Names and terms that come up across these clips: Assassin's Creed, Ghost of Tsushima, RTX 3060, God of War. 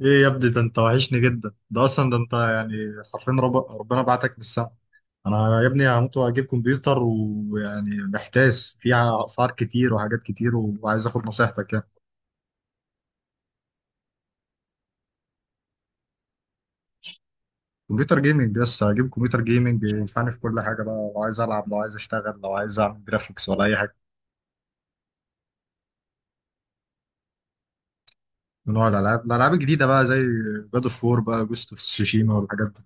ايه يا ابني، ده انت وحشني جدا، ده اصلا ده انت يعني حرفيا ربنا بعتك من السما. انا يا ابني هموت واجيب كمبيوتر، ويعني محتاس فيها، اسعار كتير وحاجات كتير، وعايز اخد نصيحتك يعني. كمبيوتر جيمنج، بس هجيب كمبيوتر جيمنج ينفعني في كل حاجه بقى، لو عايز العب، لو عايز اشتغل، لو عايز اعمل جرافيكس ولا اي حاجه. من نوع الالعاب الجديده بقى، زي جاد اوف وور بقى، جوست اوف تسوشيما والحاجات دي.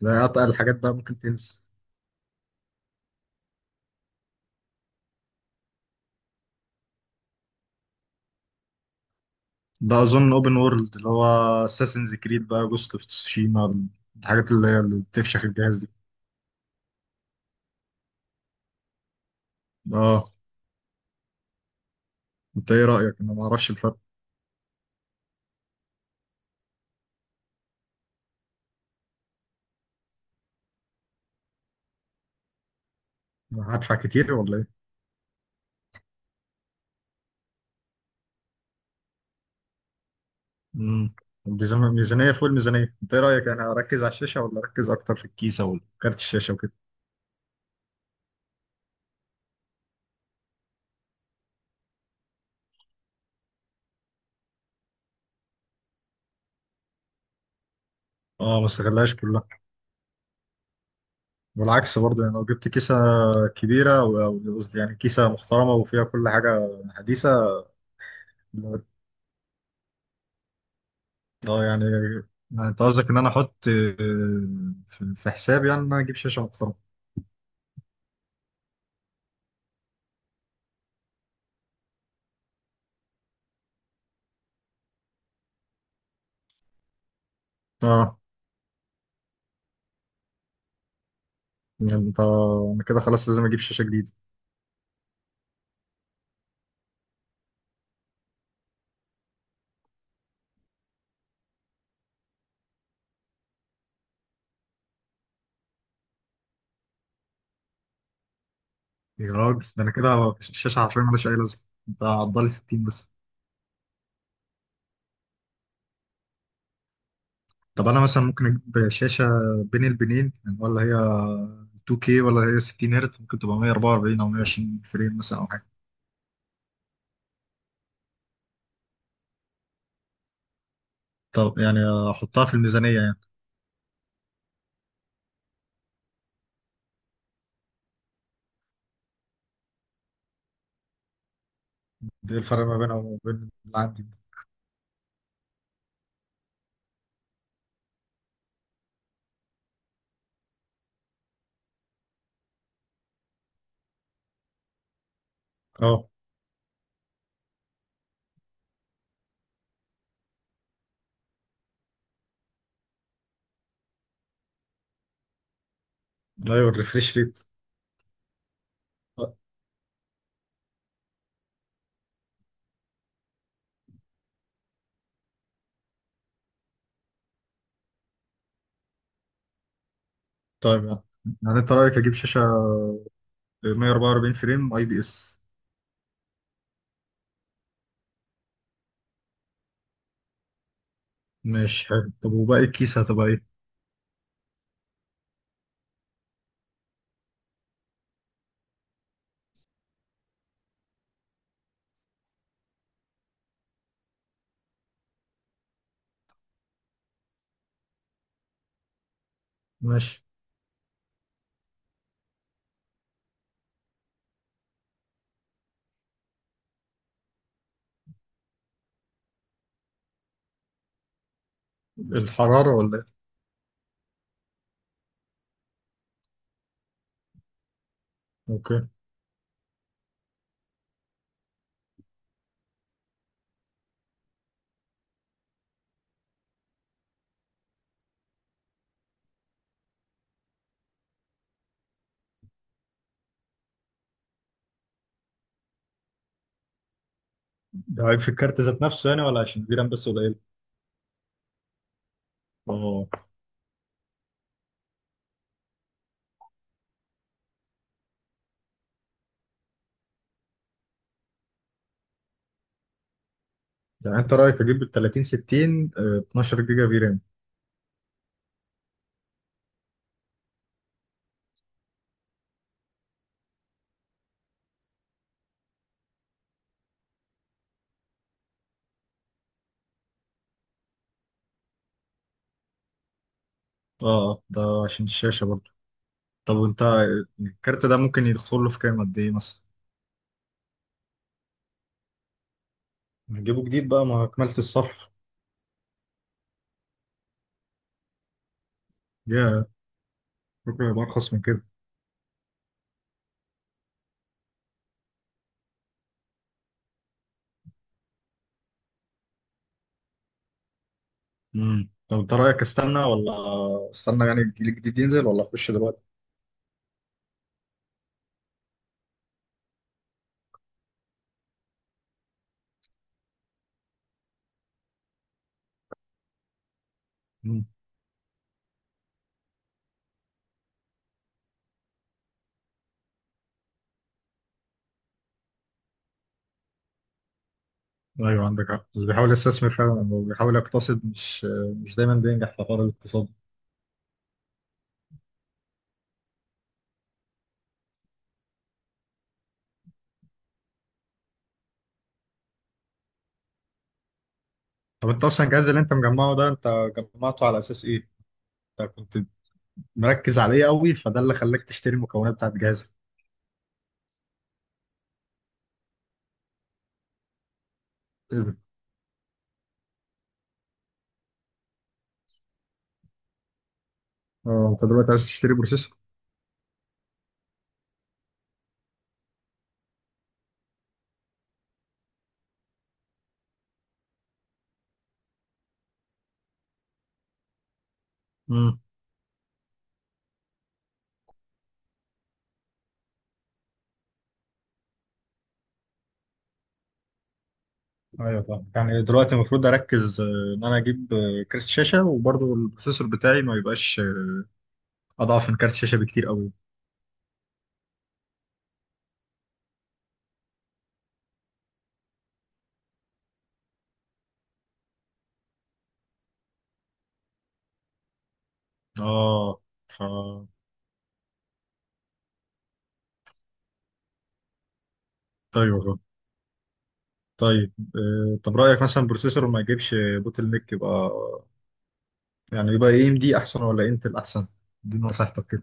لا اتقل، الحاجات بقى ممكن تنسى. ده اظن اوبن وورلد، اللي هو اساسنز كريد بقى، جوست اوف تسوشيما، الحاجات اللي هي اللي بتفشخ الجهاز دي. اه. انت ايه رايك؟ انا ما اعرفش الفرق. هدفع كتير ولا ايه؟ امم الميزانيه فوق الميزانيه. انت ايه رايك؟ يعني اركز على الشاشه ولا اركز اكتر في الكيسه وكارت الشاشه وكده؟ اه، ما استغلهاش كلها. والعكس برضه يعني، لو جبت كيسه كبيره او قصدي يعني كيسه محترمه وفيها كل حاجه حديثه. اه يعني، يعني انت قصدك ان انا احط، في حساب، يعني ان انا اجيب شاشه محترمه. اه يعني، انت انا كده خلاص لازم اجيب شاشه جديده؟ يا راجل، ده انا كده الشاشه حرفيا مالهاش اي لازمه. انت عضلي 60 بس. طب انا مثلا ممكن اجيب شاشه بين البنين يعني، ولا هي 2K ولا هي 60 هرت، ممكن تبقى 144 او 120 فريم مثلا او حاجه. طب يعني، احطها في الميزانيه يعني. ده إيه الفرق ما بينها وبين اللي عندي؟ اه، ايوه، الريفريش ريت. طيب يعني انت رايك اجيب شاشه 144 فريم اي بي اس؟ ماشي، حلو. طب وباقي الكيسه هتبقى ايه؟ ماشي. الحرارة ولا ايه؟ اوكي. ده عيب في الكارت ذات نفسه يعني، ولا عشان الفيرام بس قليل؟ اه، يعني انت رأيك اجيب ال 30 60، 12 جيجا فيرام؟ اه، ده عشان الشاشة برضه. طب وانت، الكارت ده ممكن يدخل له في كام، قد ايه مثلا؟ نجيبه جديد بقى، ما كملت الصف. يا، ممكن يبقى ارخص من كده؟ طب انت رأيك استنى، ولا استنى يعني الجيل الجديد ينزل، ولا اخش دلوقتي؟ مم. ايوه، عندك حق. اللي بيحاول يستثمر فعلا أو بيحاول يقتصد مش، مش دايما بينجح في حوار الاقتصاد. طب انت اصلا الجهاز اللي انت مجمعه ده، انت جمعته على اساس ايه؟ انت كنت مركز عليه قوي فده اللي خلاك تشتري المكونات بتاعت جهازك؟ مم. اه، انت دلوقتي عايز تشتري بروسيسور. امم ايوه طبعا. يعني دلوقتي المفروض اركز، ان انا اجيب كارت شاشه، وبرضه البروسيسور بتاعي ما يبقاش اضعف من كارت شاشه بكتير قوي. اه. ف ايوه، فاهم. طيب، طب رايك مثلا بروسيسور ما يجيبش بوتل نيك، يبقى يعني يبقى اي ام دي احسن ولا انتل احسن؟ دي نصيحتك كده.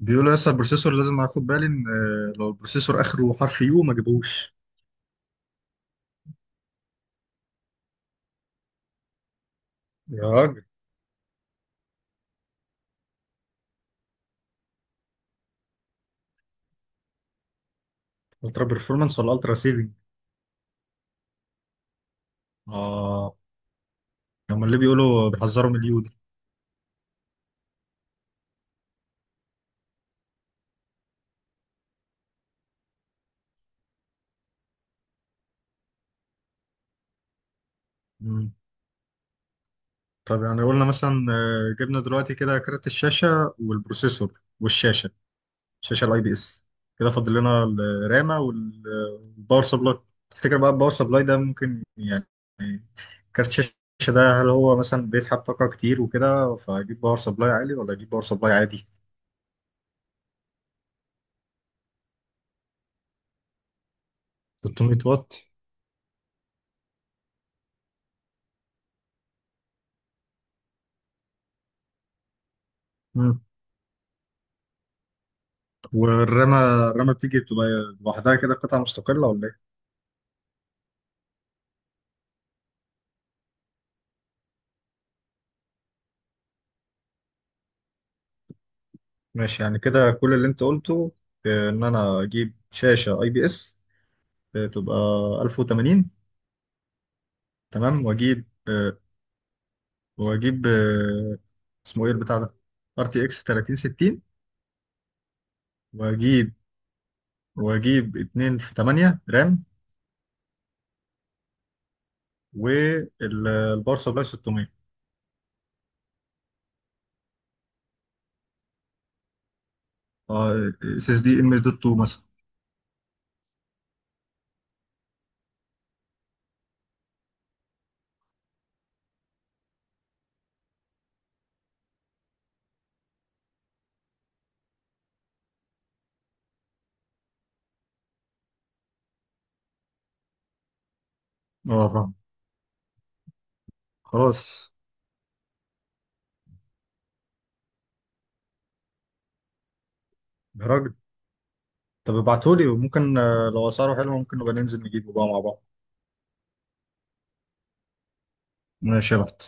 بيقولوا لسه البروسيسور لازم اخد بالي، ان لو البروسيسور اخره حرف يو ما جيبوش. يا راجل. الترا بيرفورمانس ولا الترا سيفنج؟ اه. هم اللي بيقولوا بيحذروا من اليو دي. مم. طب يعني قلنا مثلا، جبنا دلوقتي كده كارت الشاشه والبروسيسور والشاشه، الشاشه الاي بي اس، كده فاضل لنا الرامه والباور سبلاي. تفتكر بقى الباور سبلاي ده ممكن يعني، كارت الشاشه ده هل هو مثلا بيسحب طاقه كتير وكده، فاجيب باور سبلاي عالي ولا اجيب باور سبلاي عادي؟ 600 واط؟ مم. والرامة، الرامة بتيجي بتبقى لوحدها كده قطعة مستقلة ولا ايه؟ ماشي، يعني كده كل اللي انت قلته، ان انا اجيب شاشة اي بي اس، تبقى 1080. تمام. واجيب آه، واجيب آه، اسمه ايه البتاع ده؟ ار تي اكس 3060. واجيب واجيب 2 في 8 رام. والباور سبلاي 600. اس اس دي ام دوت 2 مثلا. اه فاهم. خلاص. الراجل. طب ابعتهولي، وممكن لو اسعاره حلوه ممكن نبقى ننزل نجيبه بقى مع بعض. ماشي يا بحت.